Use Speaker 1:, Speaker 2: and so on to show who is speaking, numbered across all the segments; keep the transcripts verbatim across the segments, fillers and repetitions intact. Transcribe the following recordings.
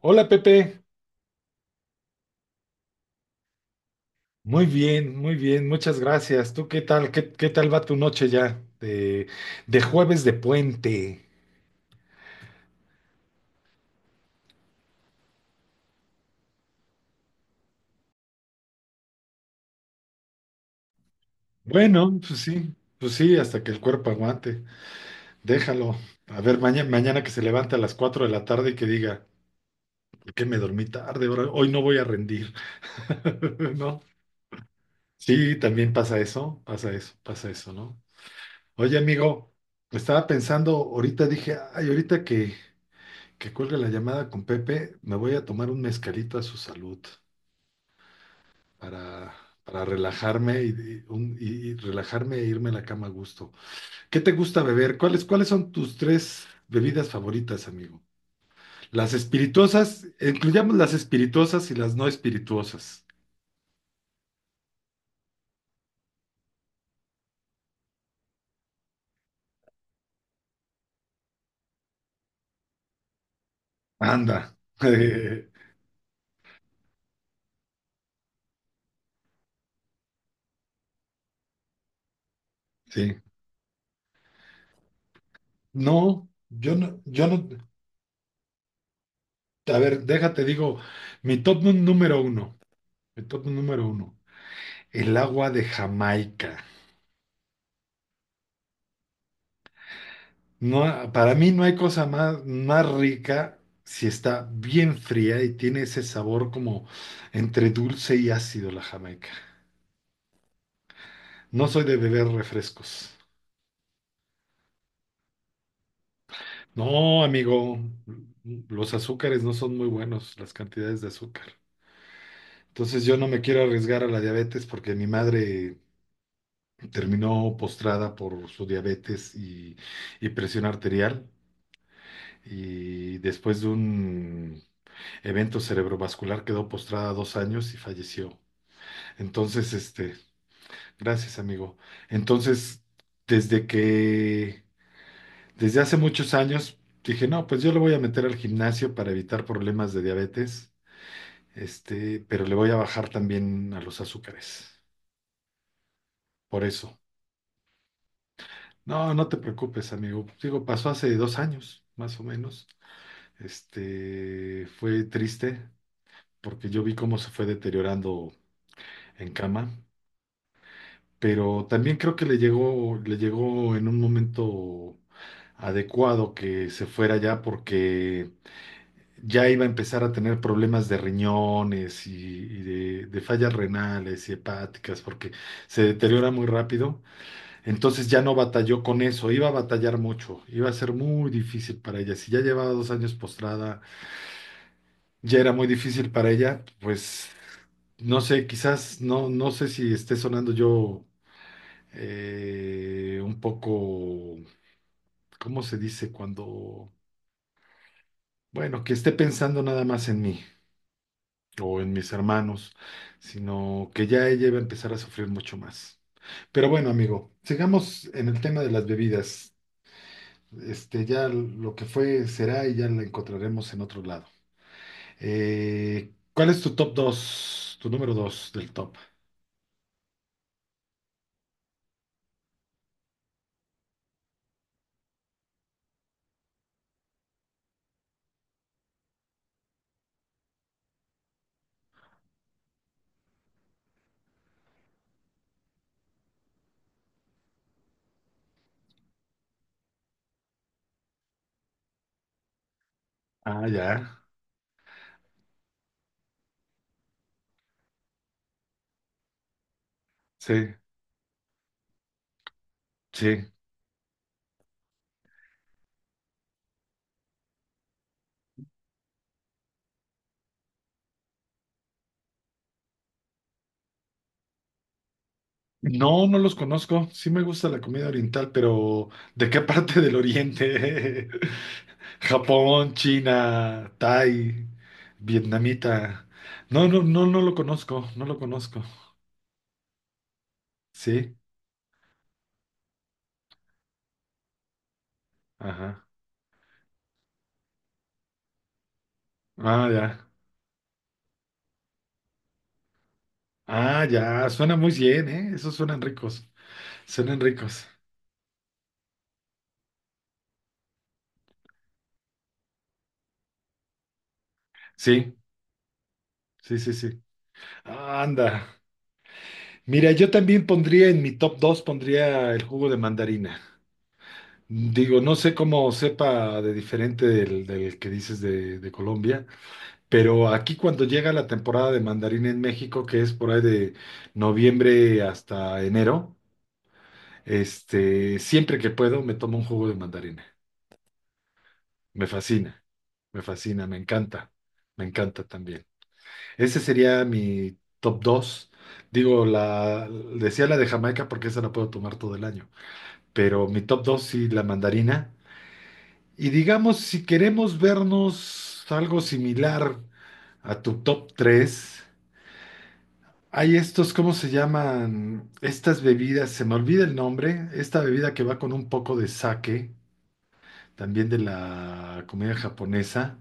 Speaker 1: Hola Pepe, muy bien, muy bien, muchas gracias. ¿Tú qué tal? ¿Qué, qué tal va tu noche ya de, de jueves de puente? Bueno, pues sí, pues sí, hasta que el cuerpo aguante. Déjalo. A ver, mañana, mañana que se levante a las cuatro de la tarde y que diga, ¿por qué me dormí tarde? Ahora- Hoy no voy a rendir. ¿No? Sí, también pasa eso, pasa eso, pasa eso, ¿no? Oye, amigo, estaba pensando, ahorita dije, ay, ahorita que que cuelgue la llamada con Pepe, me voy a tomar un mezcalito a su salud para, para relajarme y, y un- y- y relajarme e irme a la cama a gusto. ¿Qué te gusta beber? ¿Cuáles, cuáles son tus tres bebidas favoritas, amigo? Las espirituosas, incluyamos las espirituosas y las no espirituosas. Anda. Sí. No, yo no, yo no. A ver, déjate, digo, mi top número uno. Mi top número uno. El agua de Jamaica. No, para mí no hay cosa más, más rica si está bien fría y tiene ese sabor como entre dulce y ácido la Jamaica. No soy de beber refrescos. No, amigo, los azúcares no son muy buenos, las cantidades de azúcar. Entonces yo no me quiero arriesgar a la diabetes porque mi madre terminó postrada por su diabetes y, y presión arterial. Y después de un evento cerebrovascular, quedó postrada dos años y falleció. Entonces, este, gracias, amigo. Entonces, desde que, desde hace muchos años, dije, no, pues yo le voy a meter al gimnasio para evitar problemas de diabetes, este, pero le voy a bajar también a los azúcares. Por eso. No, no te preocupes, amigo. Digo, pasó hace dos años, más o menos. Este, fue triste porque yo vi cómo se fue deteriorando en cama, pero también creo que le llegó, le llegó en un momento adecuado que se fuera ya porque ya iba a empezar a tener problemas de riñones y, y de, de fallas renales y hepáticas porque se deteriora muy rápido. Entonces ya no batalló con eso, iba a batallar mucho, iba a ser muy difícil para ella. Si ya llevaba dos años postrada, ya era muy difícil para ella, pues... No sé, quizás, no, no sé si esté sonando yo eh, un poco, ¿cómo se dice? Cuando, bueno, que esté pensando nada más en mí o en mis hermanos, sino que ya ella iba a empezar a sufrir mucho más. Pero bueno, amigo, sigamos en el tema de las bebidas. Este, ya lo que fue será y ya la encontraremos en otro lado. Eh, ¿cuál es tu top dos? Tu número dos del top. Ah, ya. Sí, sí. No, no los conozco. Sí me gusta la comida oriental, pero ¿de qué parte del oriente? Japón, China, Thai, vietnamita. No, no, no, no lo conozco, no lo conozco. Sí, ajá. Ah, ya. Ah, ya. Suena muy bien, ¿eh? Esos suenan ricos. Suenan ricos. Sí, sí, sí, sí. Anda. Mira, yo también pondría en mi top dos, pondría el jugo de mandarina. Digo, no sé cómo sepa de diferente del, del que dices de, de Colombia, pero aquí cuando llega la temporada de mandarín en México, que es por ahí de noviembre hasta enero, este, siempre que puedo me tomo un jugo de mandarina. Me fascina, me fascina, me encanta, me encanta también. Ese sería mi top dos. Digo, la, decía la de Jamaica porque esa la puedo tomar todo el año, pero mi top dos sí, la mandarina. Y digamos, si queremos vernos algo similar a tu top tres, hay estos, ¿cómo se llaman? Estas bebidas, se me olvida el nombre, esta bebida que va con un poco de sake, también de la comida japonesa.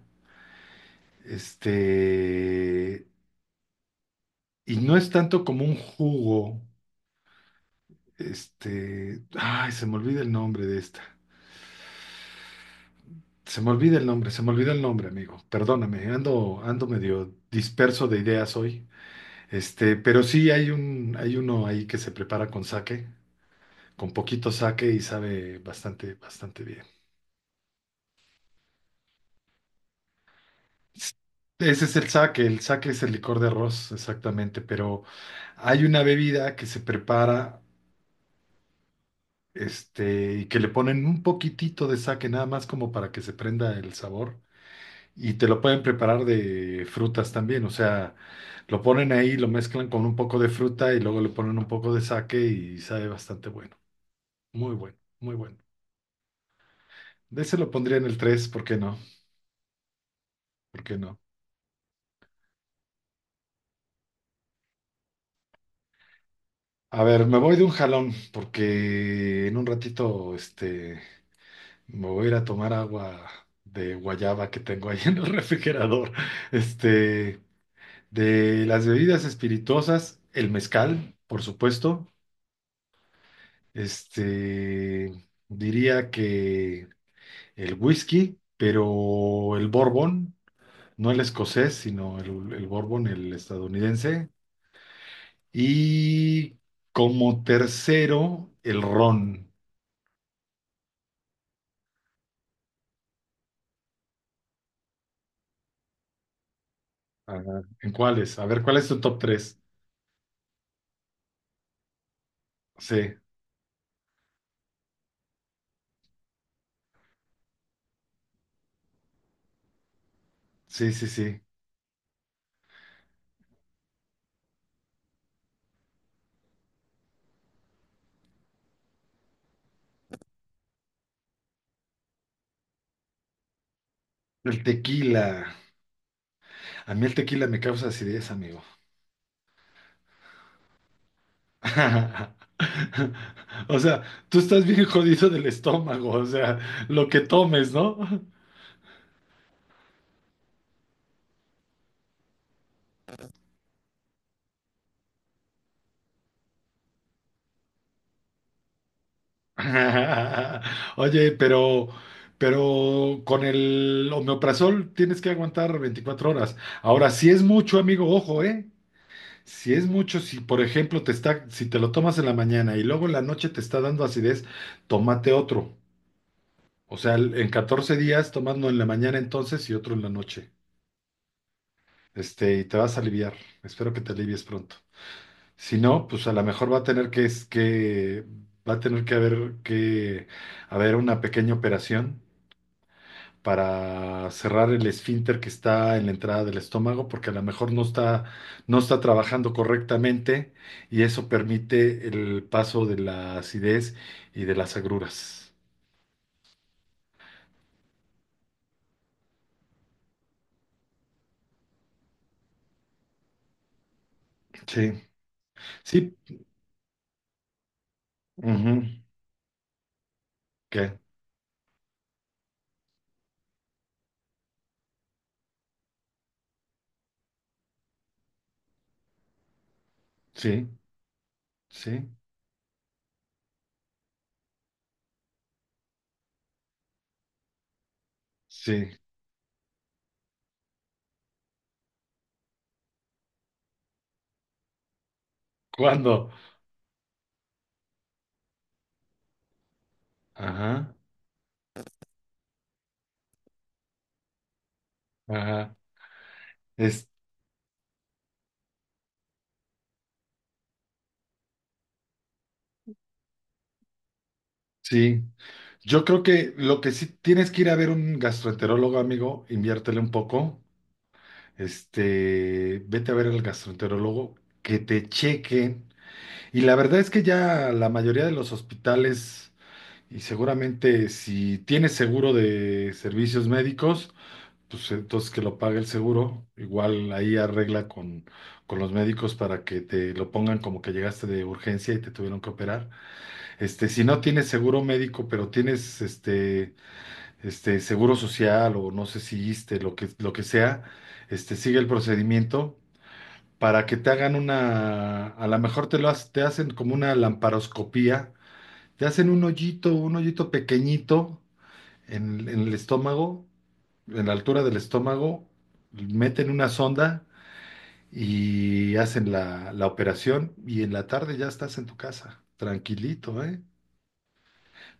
Speaker 1: Este, y no es tanto como un jugo, este, ay, se me olvida el nombre de esta. Se me olvida el nombre, se me olvida el nombre, amigo. Perdóname, ando, ando medio disperso de ideas hoy. Este, pero sí hay un, hay uno ahí que se prepara con sake, con poquito sake y sabe bastante, bastante bien. S- Ese es el sake, el sake es el licor de arroz, exactamente, pero hay una bebida que se prepara, este, y que le ponen un poquitito de sake, nada más como para que se prenda el sabor. Y te lo pueden preparar de frutas también, o sea, lo ponen ahí, lo mezclan con un poco de fruta y luego le ponen un poco de sake y sabe bastante bueno, muy bueno, muy bueno. De ese lo pondría en el tres. ¿Por qué no? ¿Por qué no? A ver, me voy de un jalón, porque en un ratito, este, me voy a ir a tomar agua de guayaba que tengo ahí en el refrigerador. Este, de las bebidas espirituosas, el mezcal, por supuesto. Este, Diría que el whisky, pero el bourbon, no el escocés, sino el, el bourbon, el estadounidense, y como tercero, el ron. Ajá. ¿En cuáles? A ver, ¿cuál es tu top tres? Sí, sí, sí, sí. El tequila. A mí el tequila me causa acidez, amigo. O sea, tú estás bien jodido del estómago, o sea, lo que tomes, ¿no? Oye, pero, pero con el omeprazol tienes que aguantar veinticuatro horas. Ahora, si es mucho, amigo, ojo, ¿eh? Si es mucho, si por ejemplo te está, si te lo tomas en la mañana y luego en la noche te está dando acidez, tómate otro. O sea, en catorce días, tomando en la mañana entonces y otro en la noche. Este, y te vas a aliviar. Espero que te alivies pronto. Si no, pues a lo mejor va a tener que, es que, va a tener que haber que haber una pequeña operación para cerrar el esfínter que está en la entrada del estómago, porque a lo mejor no está, no está trabajando correctamente y eso permite el paso de la acidez y de las agruras. Sí, sí, ujú. ¿Qué? Sí, sí, sí. ¿Cuándo? Ajá, ajá. Es, sí. Yo creo que lo que sí tienes que ir a ver un gastroenterólogo, amigo, inviértele un poco, este, vete a ver al gastroenterólogo, que te chequen. Y la verdad es que ya la mayoría de los hospitales, y seguramente si tienes seguro de servicios médicos, pues entonces que lo pague el seguro. Igual ahí arregla con, con los médicos para que te lo pongan como que llegaste de urgencia y te tuvieron que operar. Este, si no tienes seguro médico, pero tienes este, este seguro social o no sé si ISSSTE, lo que, lo que sea, este, sigue el procedimiento para que te hagan una, a lo mejor te lo hac- te hacen como una lamparoscopía, te hacen un hoyito, un hoyito pequeñito en, en el estómago, en la altura del estómago, meten una sonda y hacen la, la operación y en la tarde ya estás en tu casa, tranquilito, ¿eh?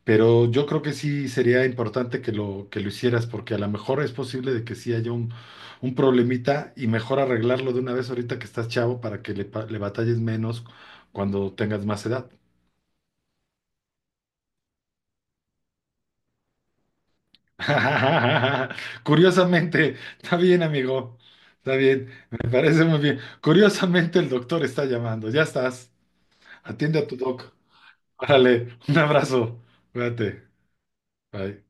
Speaker 1: Pero yo creo que sí sería importante que lo, que lo hicieras, porque a lo mejor es posible de que sí haya un, un problemita y mejor arreglarlo de una vez ahorita que estás chavo para que le, pa- le batalles menos cuando tengas más edad. Curiosamente, está bien, amigo, está bien, me parece muy bien. Curiosamente, el doctor está llamando, ya estás, atiende a tu doc. Órale, un abrazo, cuídate, bye.